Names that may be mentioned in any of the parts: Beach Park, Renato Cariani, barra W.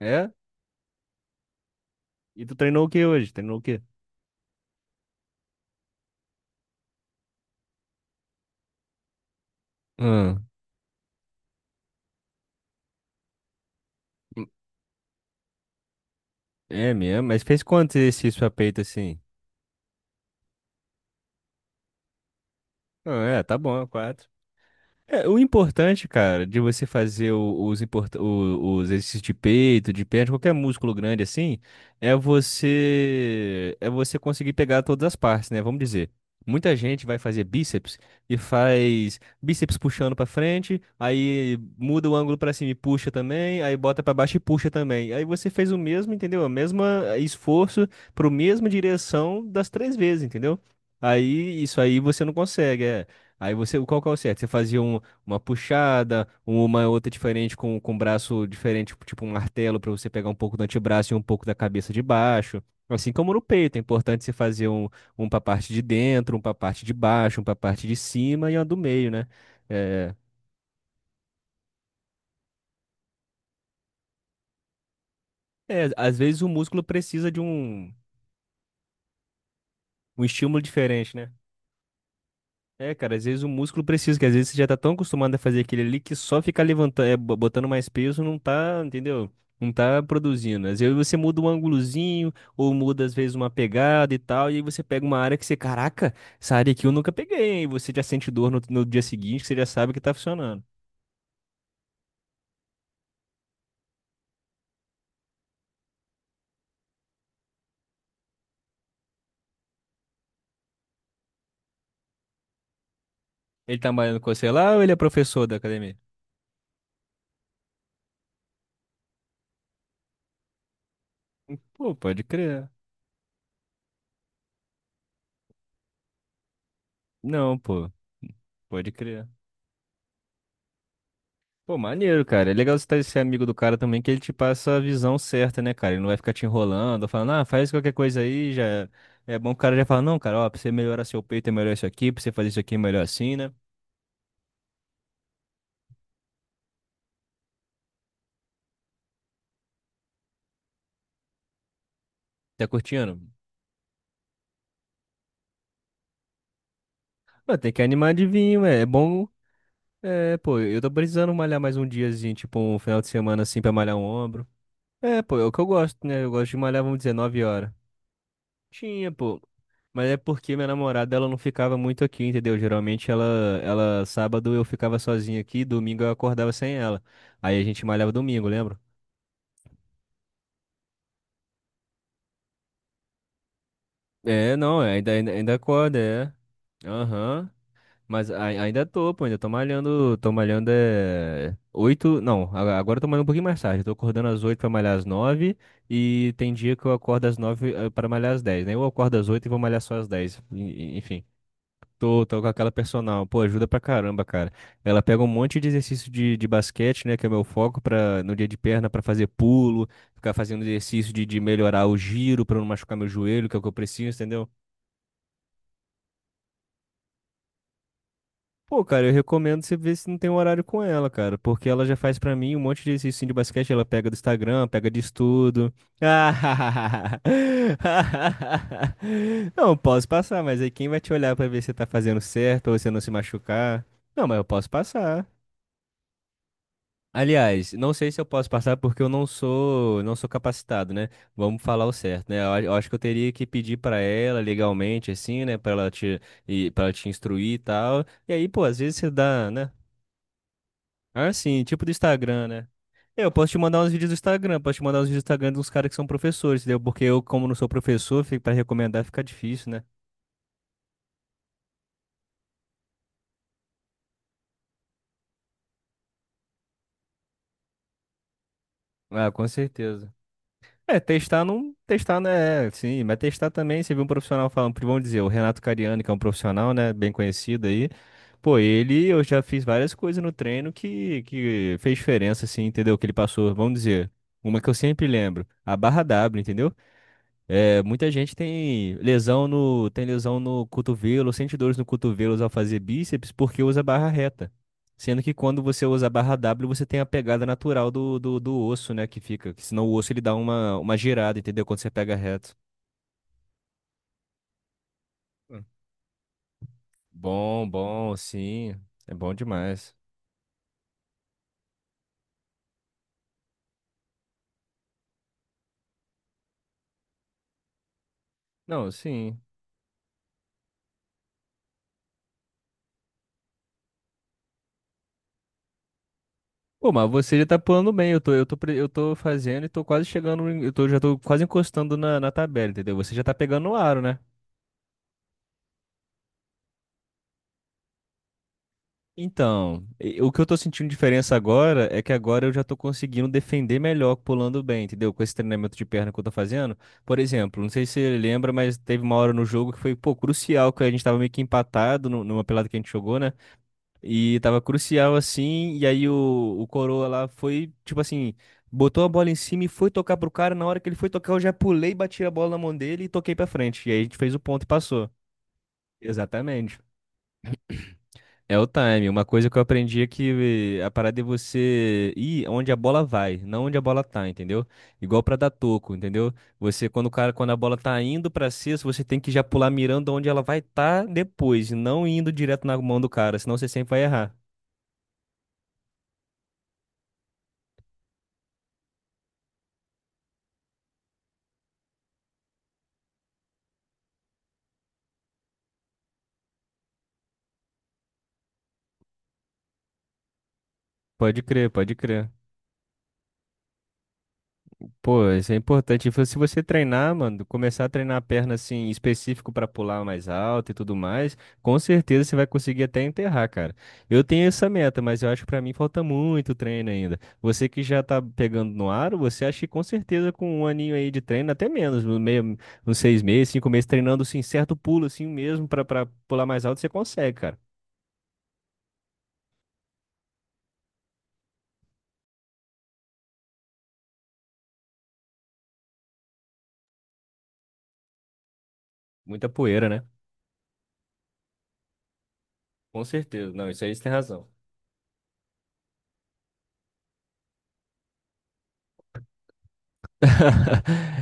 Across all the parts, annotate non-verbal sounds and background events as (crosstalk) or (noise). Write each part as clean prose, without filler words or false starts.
É? E tu treinou o que hoje? Treinou o quê? Hum, é mesmo? Mas fez quantos exercícios a peito assim? Ah, é, tá bom, quatro. É, o importante, cara, de você fazer os exercícios de peito, de perna, de qualquer músculo grande assim, é você conseguir pegar todas as partes, né? Vamos dizer, muita gente vai fazer bíceps e faz bíceps puxando pra frente, aí muda o ângulo pra cima e puxa também, aí bota pra baixo e puxa também. Aí você fez o mesmo, entendeu? O mesmo esforço pro mesma direção das 3 vezes, entendeu? Aí isso aí você não consegue, é. Aí você, qual que é o certo? Você fazia uma puxada, uma é outra diferente com um braço diferente, tipo um martelo para você pegar um pouco do antebraço e um pouco da cabeça de baixo. Assim como no peito, é importante você fazer um para a parte de dentro, um para a parte de baixo, um para a parte de cima e um do meio, né? É, é, às vezes o músculo precisa de um estímulo diferente, né? É, cara, às vezes o músculo precisa, que às vezes você já tá tão acostumado a fazer aquele ali que só ficar levantando, botando mais peso não tá, entendeu? Não tá produzindo. Às vezes você muda um ângulozinho, ou muda às vezes uma pegada e tal, e aí você pega uma área que você, caraca, essa área aqui eu nunca peguei, hein? E você já sente dor no dia seguinte, que você já sabe que tá funcionando. Ele tá malhando com você lá ou ele é professor da academia? Pô, pode crer. Não, pô, pode crer. Pô, maneiro, cara. É legal você estar esse amigo do cara também, que ele te passa a visão certa, né, cara? Ele não vai ficar te enrolando, falando, ah, faz qualquer coisa aí, já. É bom que o cara já fala, não, cara, ó, pra você melhorar seu peito é melhor isso aqui, pra você fazer isso aqui é melhor assim, né? Tá curtindo? Mano, tem que animar de vinho ué. É bom. É, pô, eu tô precisando malhar mais um diazinho, tipo um final de semana assim pra malhar um ombro. É, pô, é o que eu gosto, né? Eu gosto de malhar, vamos dizer, 9 horas. Tinha, pô. Mas é porque minha namorada, ela não ficava muito aqui, entendeu? Geralmente ela, sábado eu ficava sozinho aqui, domingo eu acordava sem ela. Aí a gente malhava domingo, lembra? É, não, é, ainda acorda, é. Aham. Mas ainda tô, pô, ainda tô malhando é oito, não, agora eu tô malhando um pouquinho mais tarde, eu tô acordando às 8 pra malhar às 9 e tem dia que eu acordo às 9 pra malhar às 10, né? Eu acordo às 8 e vou malhar só às 10, enfim. Tô com aquela personal. Pô, ajuda pra caramba, cara. Ela pega um monte de exercício de basquete, né? Que é meu foco pra, no dia de perna pra fazer pulo, ficar fazendo exercício de melhorar o giro pra não machucar meu joelho, que é o que eu preciso, entendeu? Pô, cara, eu recomendo você ver se não tem um horário com ela, cara. Porque ela já faz pra mim um monte de exercício de basquete. Ela pega do Instagram, pega de estudo. (laughs) Ah, não, posso passar, mas aí quem vai te olhar pra ver se você tá fazendo certo ou você não se machucar? Não, mas eu posso passar. Aliás, não sei se eu posso passar porque eu não sou, não sou capacitado, né? Vamos falar o certo, né? Eu acho que eu teria que pedir pra ela legalmente, assim, né? Pra ela te, e para te instruir e tal. E aí, pô, às vezes você dá, né? Ah, sim, tipo do Instagram, né? Eu posso te mandar uns vídeos do Instagram, posso te mandar uns vídeos do Instagram de uns caras que são professores, entendeu? Porque eu, como não sou professor, fica para recomendar fica difícil, né? Ah, com certeza. É, testar não. Testar, né? Sim, mas testar também. Você viu um profissional falando, vamos dizer, o Renato Cariani, que é um profissional, né? Bem conhecido aí. Pô, ele, eu já fiz várias coisas no treino que fez diferença, assim, entendeu? Que ele passou, vamos dizer. Uma que eu sempre lembro, a barra W, entendeu? É, muita gente tem lesão no cotovelo, sente dores no cotovelo ao fazer bíceps porque usa barra reta. Sendo que quando você usa a barra W, você tem a pegada natural do osso, né? Que fica. Que senão o osso ele dá uma girada, entendeu? Quando você pega reto. Hum. Bom, bom, sim. É bom demais. Não, sim. Pô, mas você já tá pulando bem. Eu tô fazendo e tô quase chegando. Já tô quase encostando na tabela, entendeu? Você já tá pegando o aro, né? Então, o que eu tô sentindo diferença agora é que agora eu já tô conseguindo defender melhor pulando bem, entendeu? Com esse treinamento de perna que eu tô fazendo. Por exemplo, não sei se você lembra, mas teve uma hora no jogo que foi, pô, crucial, que a gente tava meio que empatado numa pelada que a gente jogou, né? E tava crucial assim, e aí o Coroa lá foi, tipo assim, botou a bola em cima e foi tocar pro cara. Na hora que ele foi tocar, eu já pulei, bati a bola na mão dele e toquei pra frente. E aí a gente fez o ponto e passou. Exatamente. É o time. Uma coisa que eu aprendi é que a parada é você ir onde a bola vai, não onde a bola tá, entendeu? Igual pra dar toco, entendeu? Você, quando o cara, quando a bola tá indo pra cesta, você tem que já pular mirando onde ela vai estar depois, e não indo direto na mão do cara, senão você sempre vai errar. Pode crer, pode crer. Pô, isso é importante. Tipo, se você treinar, mano, começar a treinar a perna assim, específico pra pular mais alto e tudo mais, com certeza você vai conseguir até enterrar, cara. Eu tenho essa meta, mas eu acho que pra mim falta muito treino ainda. Você que já tá pegando no aro, você acha que com certeza com um aninho aí de treino, até menos, no meio, uns 6 meses, 5 meses, treinando assim, certo pulo assim mesmo pra pular mais alto, você consegue, cara. Muita poeira, né? Com certeza. Não, isso aí você tem razão. (laughs)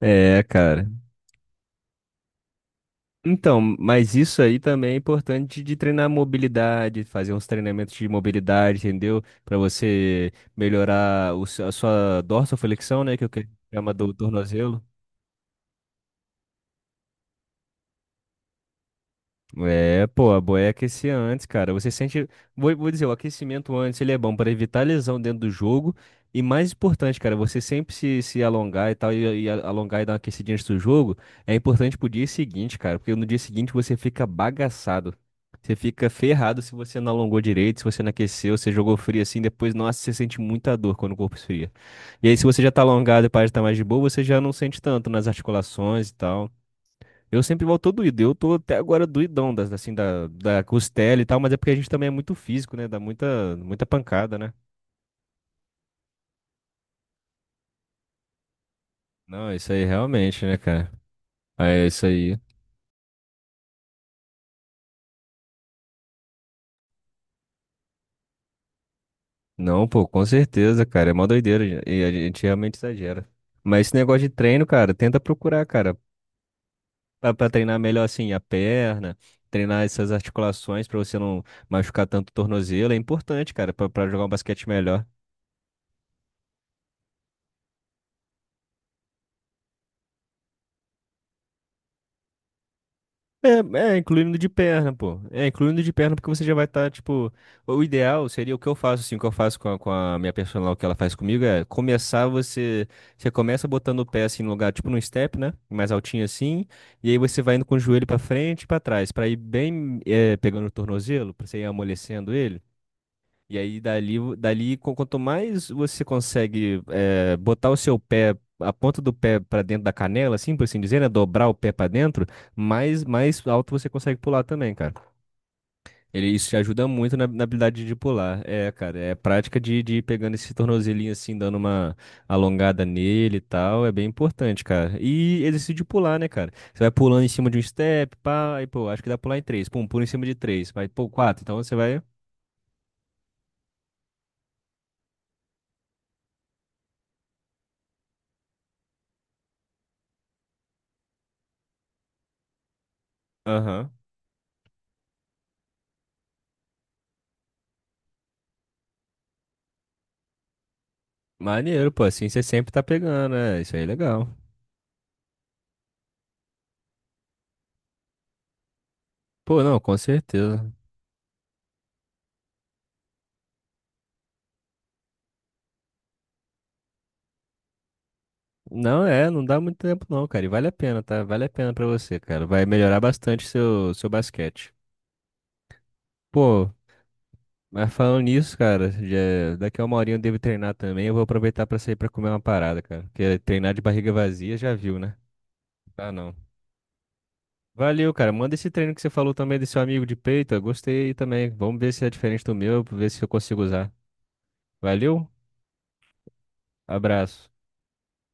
É, cara. Então, mas isso aí também é importante de treinar mobilidade, fazer uns treinamentos de mobilidade, entendeu? Para você melhorar o a sua dorsoflexão, né, que é o que chama do tornozelo. É, pô, a boia é aquecer antes, cara. Você sente. Vou dizer, o aquecimento antes ele é bom para evitar lesão dentro do jogo. E mais importante, cara, você sempre se alongar e tal, alongar e dar uma aquecidinha antes do jogo, é importante pro dia seguinte, cara. Porque no dia seguinte você fica bagaçado. Você fica ferrado se você não alongou direito, se você não aqueceu, você jogou frio assim, depois, nossa, você sente muita dor quando o corpo esfria. E aí, se você já tá alongado e parece estar mais de boa, você já não sente tanto nas articulações e tal. Eu sempre volto todo doído. Eu tô até agora doidão, assim, da costela e tal, mas é porque a gente também é muito físico, né? Dá muita, muita pancada, né? Não, isso aí realmente, né, cara? É isso aí. Não, pô, com certeza, cara. É mó doideira, gente. E a gente realmente exagera. Mas esse negócio de treino, cara, tenta procurar, cara, pra treinar melhor, assim, a perna, treinar essas articulações pra você não machucar tanto o tornozelo. É importante, cara, pra jogar um basquete melhor. É, é, incluindo de perna, pô. É, incluindo de perna, porque você já vai estar, tipo. O ideal seria o que eu faço, assim, o que eu faço com a minha personal, o que ela faz comigo, é começar você. Você começa botando o pé, assim, no lugar, tipo num step, né? Mais altinho, assim. E aí você vai indo com o joelho pra frente e pra trás, pra ir bem, é, pegando o tornozelo, pra você ir amolecendo ele. E aí, quanto mais você consegue botar o seu pé, a ponta do pé para dentro da canela, assim, por assim dizer, né? Dobrar o pé para dentro, mais alto você consegue pular também, cara. Ele, isso te ajuda muito na habilidade de pular. É, cara, é prática de ir pegando esse tornozelinho assim, dando uma alongada nele e tal. É bem importante, cara. E exercício de pular, né, cara? Você vai pulando em cima de um step, pá, aí, pô, acho que dá pra pular em três. Pum, pula em cima de três. Vai, pô, quatro. Então você vai. Aham. Maneiro, pô, assim você sempre tá pegando, né? Isso aí é legal. Pô, não, com certeza. Não é, não dá muito tempo não, cara. E vale a pena, tá? Vale a pena pra você, cara. Vai melhorar bastante seu basquete. Pô, mas falando nisso, cara, daqui a uma horinha eu devo treinar também. Eu vou aproveitar pra sair pra comer uma parada, cara. Porque treinar de barriga vazia já viu, né? Ah, não. Valeu, cara. Manda esse treino que você falou também desse seu amigo de peito. Eu gostei aí também. Vamos ver se é diferente do meu, ver se eu consigo usar. Valeu, abraço.